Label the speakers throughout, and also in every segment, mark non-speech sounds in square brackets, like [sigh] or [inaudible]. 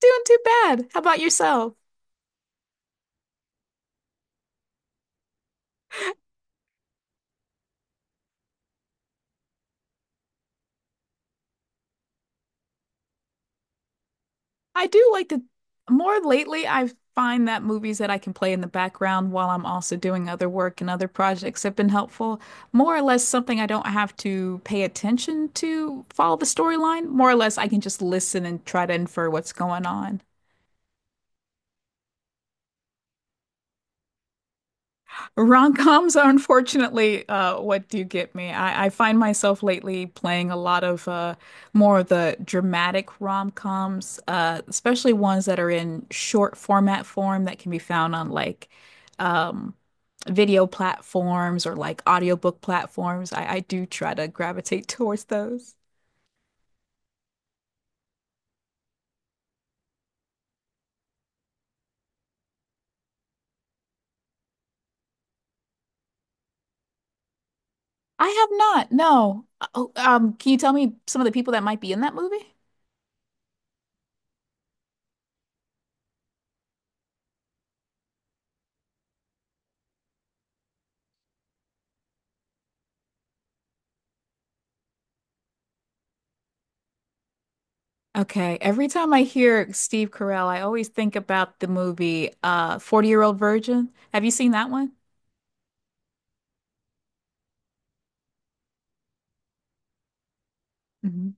Speaker 1: Doing too bad. How about yourself? I do like to more lately I find that movies that I can play in the background while I'm also doing other work and other projects have been helpful. More or less something I don't have to pay attention to follow the storyline. More or less I can just listen and try to infer what's going on. Rom-coms are unfortunately, what do you get me. I find myself lately playing a lot of more of the dramatic rom-coms, especially ones that are in short format form that can be found on like um, video platforms or like audiobook platforms. I do try to gravitate [laughs] towards those. I have not, no. Oh, can you tell me some of the people that might be in that movie? Okay. Every time I hear Steve Carell, I always think about the movie 40-Year-Old Virgin. Have you seen that one? Mhm.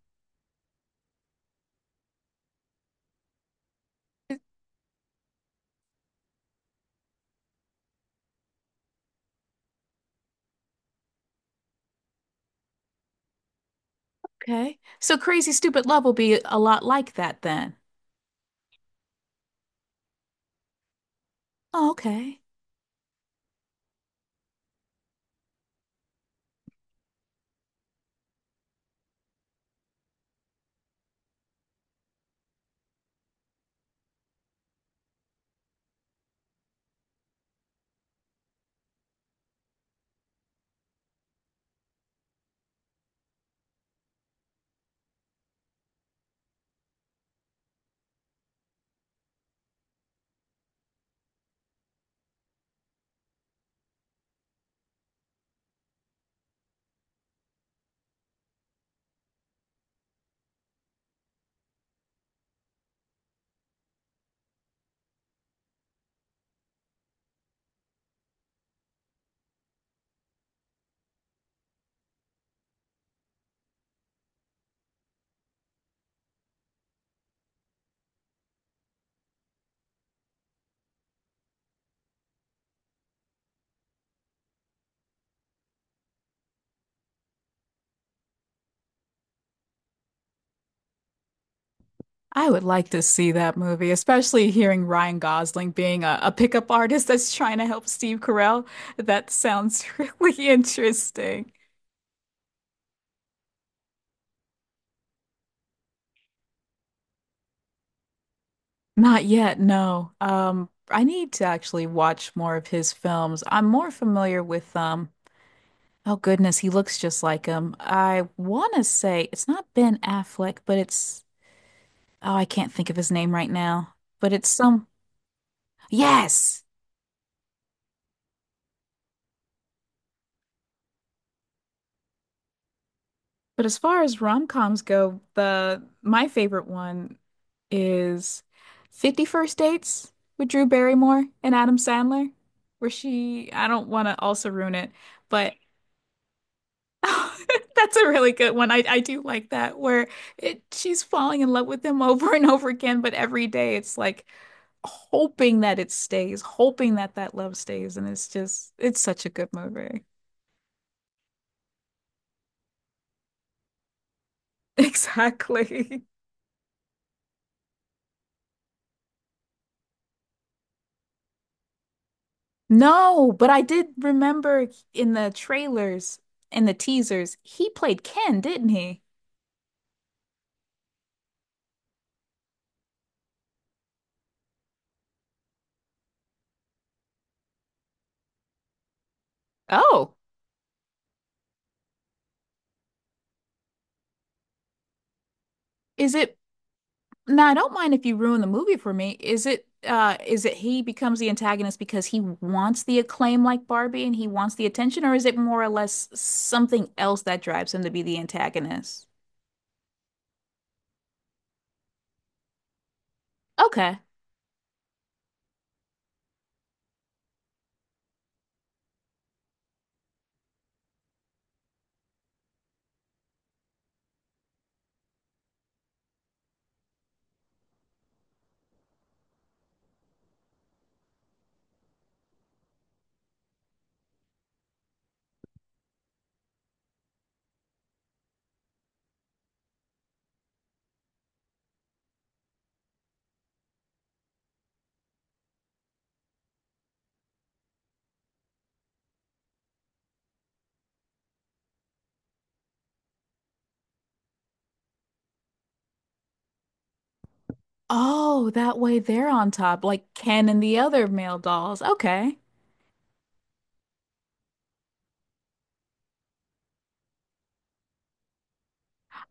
Speaker 1: Okay. So Crazy Stupid Love will be a lot like that then. Oh, okay. I would like to see that movie, especially hearing Ryan Gosling being a pickup artist that's trying to help Steve Carell. That sounds [laughs] really interesting. Not yet, no. I need to actually watch more of his films. I'm more familiar with oh goodness, he looks just like him. I want to say it's not Ben Affleck, but it's oh, I can't think of his name right now. But it's some yes. But as far as rom-coms go, the my favorite one is 50 First Dates with Drew Barrymore and Adam Sandler, where she I don't want to also ruin it, but [laughs] that's a really good one. I do like that where it she's falling in love with him [laughs] over and over again, but every day it's like hoping that it stays, hoping that that love stays, and it's just it's such a good movie. [laughs] Exactly. No, but I did remember in the trailers, in the teasers, he played Ken, didn't he? Oh, Is it now, I don't mind if you ruin the movie for me. Is it he becomes the antagonist because he wants the acclaim like Barbie and he wants the attention, or is it more or less something else that drives him to be the antagonist? Okay. Oh, that way they're on top, like Ken and the other male dolls. Okay.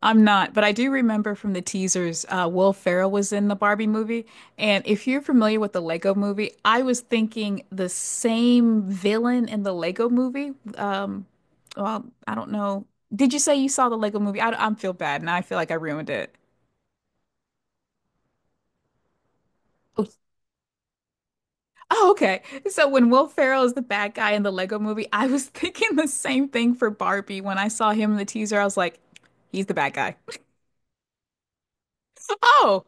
Speaker 1: I'm not, but I do remember from the teasers, Will Ferrell was in the Barbie movie. And if you're familiar with the Lego movie, I was thinking the same villain in the Lego movie. Well, I don't know. Did you say you saw the Lego movie? I feel bad now. I feel like I ruined it. Oh, oh, okay. So when Will Ferrell is the bad guy in the Lego movie, I was [laughs] thinking the same thing for Barbie. When I saw him in the teaser, I was like, he's the bad guy. [laughs] Oh,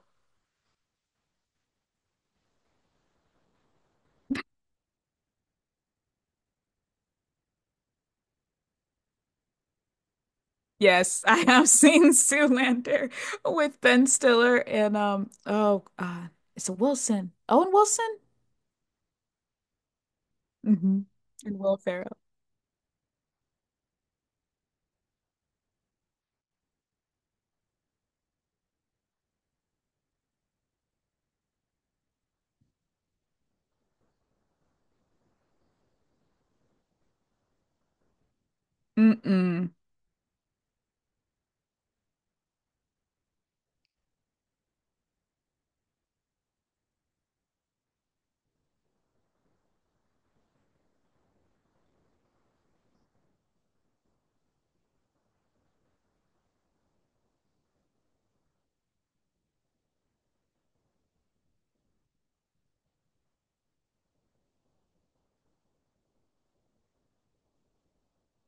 Speaker 1: yes, [laughs] I have seen [laughs] Zoolander with Ben Stiller and it's a Wilson. Owen Wilson? Hmm. And Will Ferrell. Mm-mm.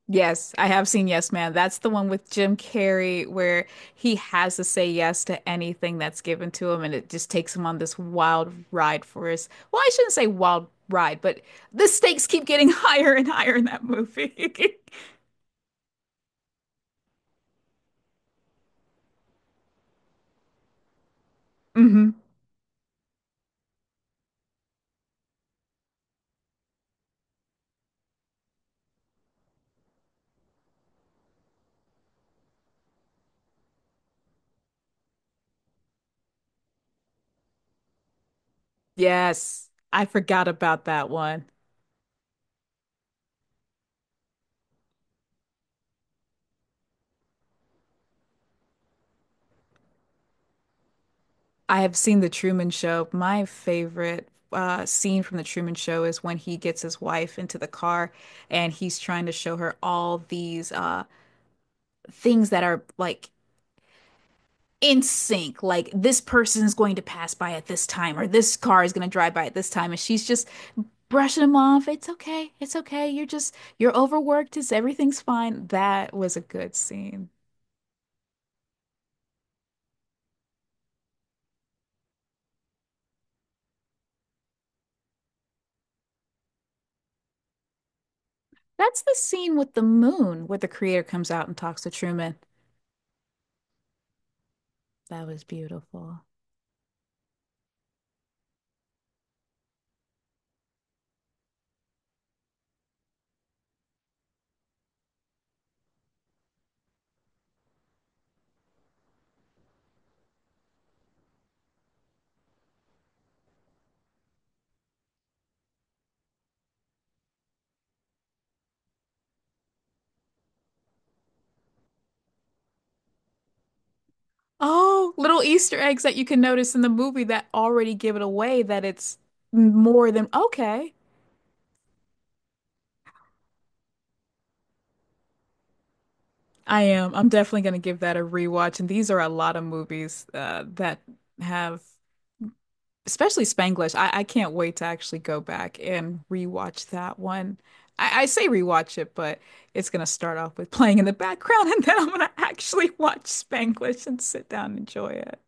Speaker 1: Yes, I have seen Yes Man. That's the one with Jim Carrey where he has to say yes to anything that's given to him and it just takes him on this wild ride for his, well, I shouldn't say wild ride, but the stakes keep getting [laughs] higher and higher in that movie. [laughs] Hmm. Yes, I forgot about that one. I have seen The Truman Show. My favorite scene from The Truman Show is when he gets his wife into the car and he's trying to show her all these things that are like in sync. Like this person is going to pass by at this time, or this car is going to drive by at this time. And she's just brushing him off. It's okay. It's okay. You're just, you're overworked. It's, everything's fine. That was a good scene. That's the scene with the moon where the creator comes out and talks to Truman. That was beautiful. Oh, little Easter eggs that you can notice in the movie that already give it away that it's more than okay. I am. I'm definitely going to give that a rewatch. And these are a lot of movies that have, especially Spanglish. I can't wait to actually go back and rewatch that one. I say rewatch it, but it's going to start off with [laughs] playing in the background, and then I'm going to actually [laughs] watch Spanglish and sit down and enjoy it.